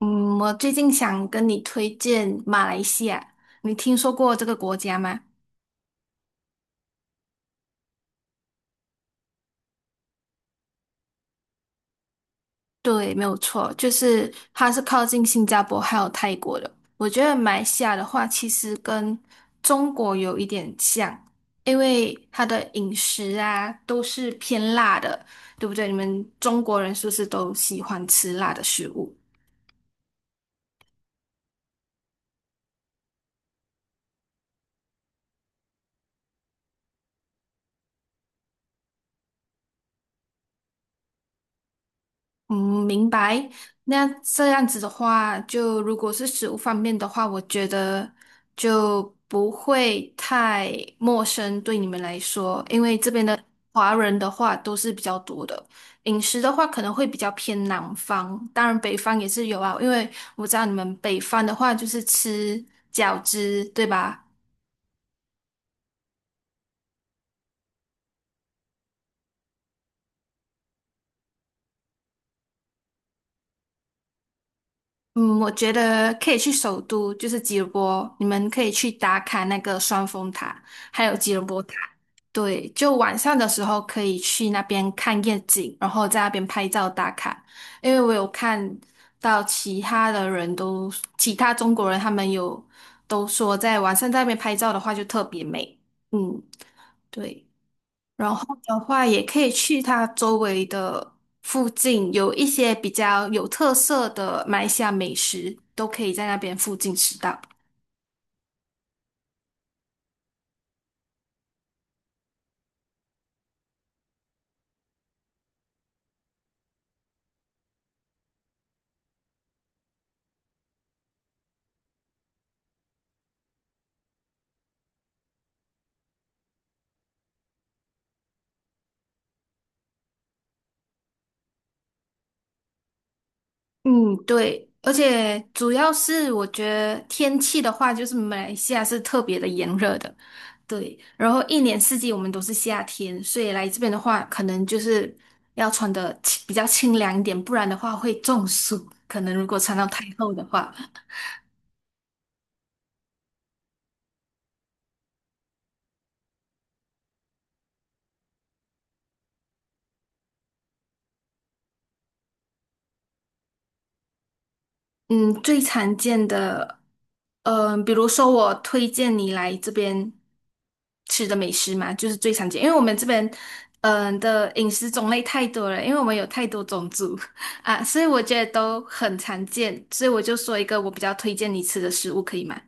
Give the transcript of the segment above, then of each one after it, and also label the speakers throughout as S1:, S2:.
S1: 嗯，我最近想跟你推荐马来西亚，你听说过这个国家吗？对，没有错，就是它是靠近新加坡还有泰国的。我觉得马来西亚的话，其实跟中国有一点像，因为它的饮食啊都是偏辣的，对不对？你们中国人是不是都喜欢吃辣的食物？嗯，明白。那这样子的话，就如果是食物方面的话，我觉得就不会太陌生对你们来说，因为这边的华人的话都是比较多的。饮食的话可能会比较偏南方，当然北方也是有啊，因为我知道你们北方的话就是吃饺子，对吧？嗯，我觉得可以去首都，就是吉隆坡，你们可以去打卡那个双峰塔，还有吉隆坡塔。对，就晚上的时候可以去那边看夜景，然后在那边拍照打卡。因为我有看到其他中国人他们都说，在晚上在那边拍照的话就特别美。嗯，对。然后的话，也可以去它周围的附近，有一些比较有特色的马来西亚美食，都可以在那边附近吃到。嗯，对，而且主要是我觉得天气的话，就是马来西亚是特别的炎热的，对，然后一年四季我们都是夏天，所以来这边的话，可能就是要穿的比较清凉一点，不然的话会中暑，可能如果穿到太厚的话。嗯，最常见的，嗯、比如说我推荐你来这边吃的美食嘛，就是最常见，因为我们这边，嗯、的饮食种类太多了，因为我们有太多种族 啊，所以我觉得都很常见，所以我就说一个我比较推荐你吃的食物，可以吗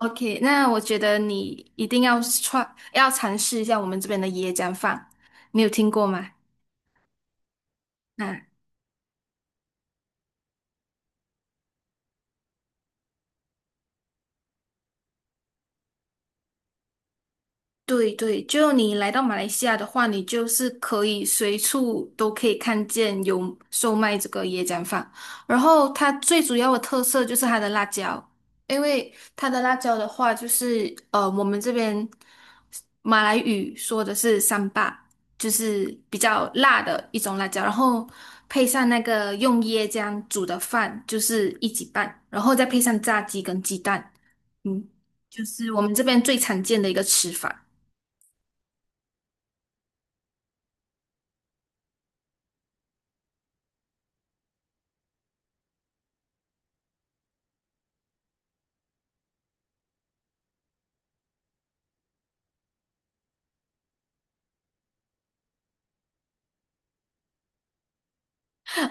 S1: ？OK，那我觉得你一定要尝试一下我们这边的椰浆饭，你有听过吗？啊对对，就你来到马来西亚的话，你就是可以随处都可以看见有售卖这个椰浆饭。然后它最主要的特色就是它的辣椒，因为它的辣椒的话，就是我们这边马来语说的是三巴，就是比较辣的一种辣椒。然后配上那个用椰浆煮的饭，就是一起拌，然后再配上炸鸡跟鸡蛋，嗯，就是我们这边最常见的一个吃法。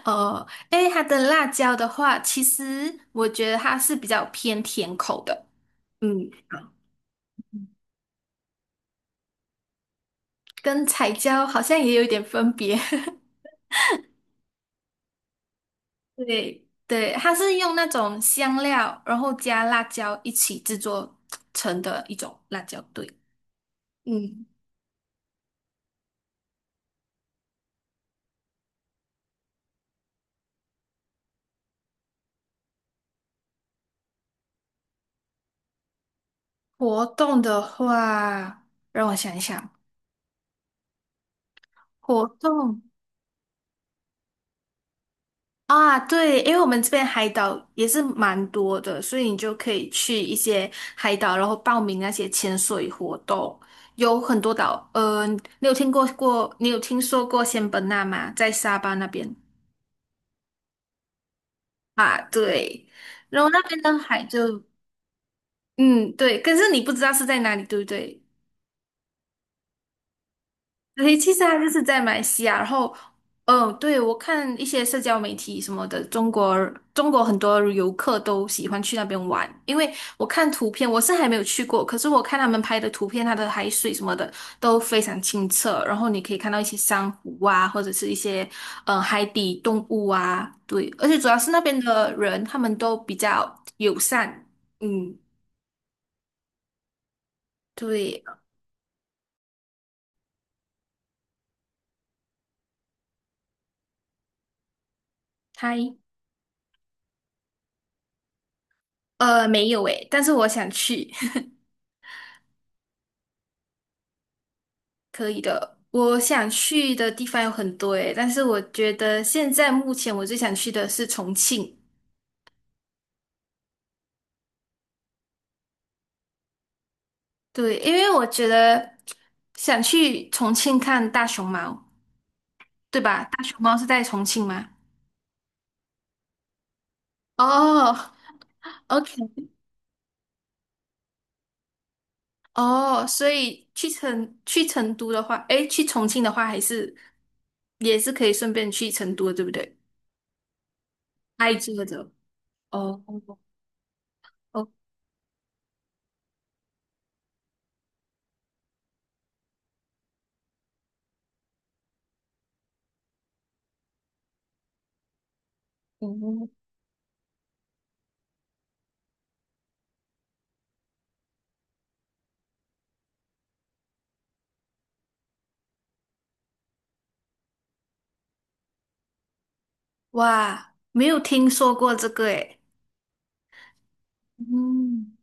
S1: 哦，诶，它的辣椒的话，其实我觉得它是比较偏甜口的，嗯，跟彩椒好像也有一点分别。对对，它是用那种香料，然后加辣椒一起制作成的一种辣椒对，嗯，活动的话，让我想一想，活动啊，对，因为我们这边海岛也是蛮多的，所以你就可以去一些海岛，然后报名那些潜水活动，有很多岛。呃，你有听过过，你有听说过仙本那吗？在沙巴那边啊，对，然后那边的海就，嗯，对，可是你不知道是在哪里，对不对？对，其实他就是在马来西亚，然后，嗯，对，我看一些社交媒体什么的，中国很多游客都喜欢去那边玩，因为我看图片，我是还没有去过，可是我看他们拍的图片，它的海水什么的都非常清澈，然后你可以看到一些珊瑚啊，或者是一些海底动物啊，对，而且主要是那边的人他们都比较友善，嗯，对，他没有诶，但是我想去。可以的，我想去的地方有很多诶，但是我觉得现在目前我最想去的是重庆，对，因为我觉得想去重庆看大熊猫，对吧？大熊猫是在重庆吗？哦，OK，哦，所以去成都的话，诶，去重庆的话，还是也是可以顺便去成都的，对不对？挨着的，哦，OK，哇，没有听说过这个诶。嗯。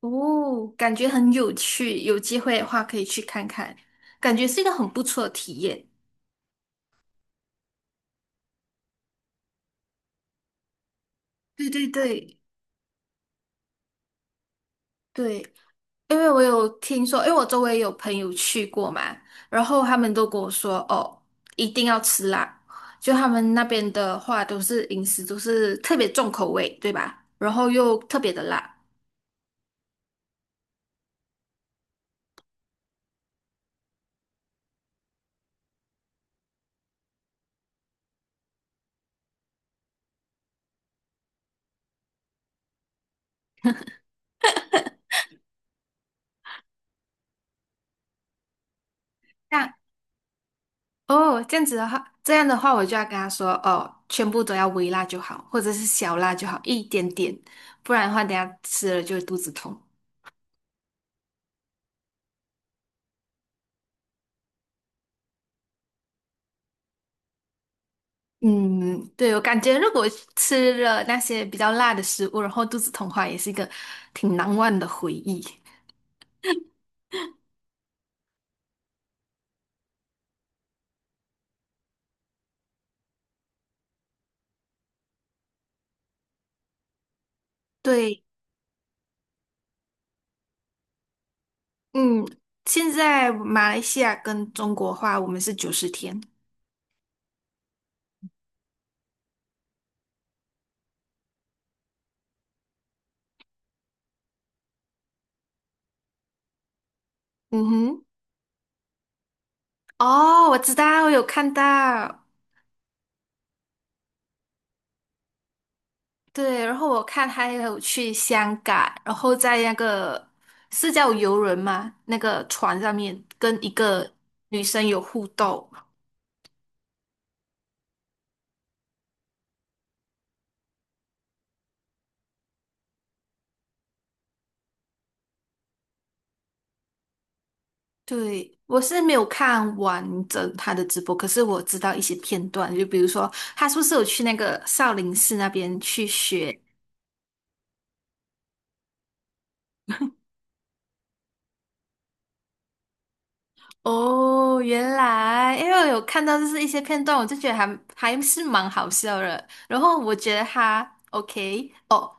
S1: 哦，感觉很有趣，有机会的话可以去看看，感觉是一个很不错的体验。对对对对，因为我有听说，因为我周围有朋友去过嘛，然后他们都跟我说，哦，一定要吃辣，就他们那边的话都是饮食都是特别重口味，对吧？然后又特别的辣。那哦，这样子的话，这样的话，我就要跟他说，哦，全部都要微辣就好，或者是小辣就好，一点点，不然的话，等下吃了就会肚子痛。嗯，对，我感觉如果吃了那些比较辣的食物，然后肚子痛的话，也是一个挺难忘的回忆。对，嗯，现在马来西亚跟中国话，我们是90天。嗯哼，哦，我知道，我有看到。对，然后我看他也有去香港，然后在那个是叫游轮吗？那个船上面跟一个女生有互动。对，我是没有看完整他的直播，可是我知道一些片段，就比如说他是不是有去那个少林寺那边去学哦，原来，因为我有看到就是一些片段，我就觉得还是蛮好笑的。然后我觉得他 OK 哦，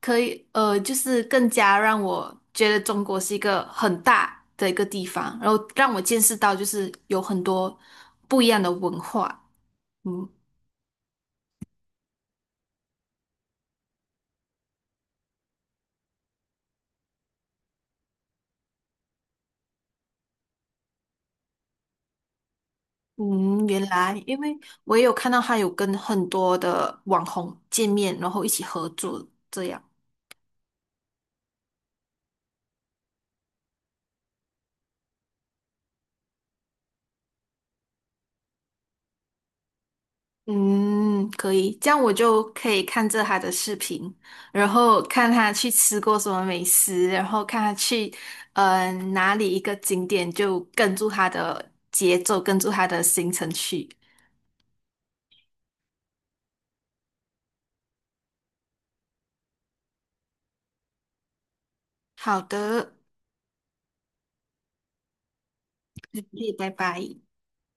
S1: 可以，就是更加让我觉得中国是一个很大的一个地方，然后让我见识到就是有很多不一样的文化。嗯嗯，原来，因为我也有看到他有跟很多的网红见面，然后一起合作这样。嗯，可以，这样我就可以看着他的视频，然后看他去吃过什么美食，然后看他去，哪里一个景点，就跟住他的节奏，跟住他的行程去。好的，谢谢，拜拜。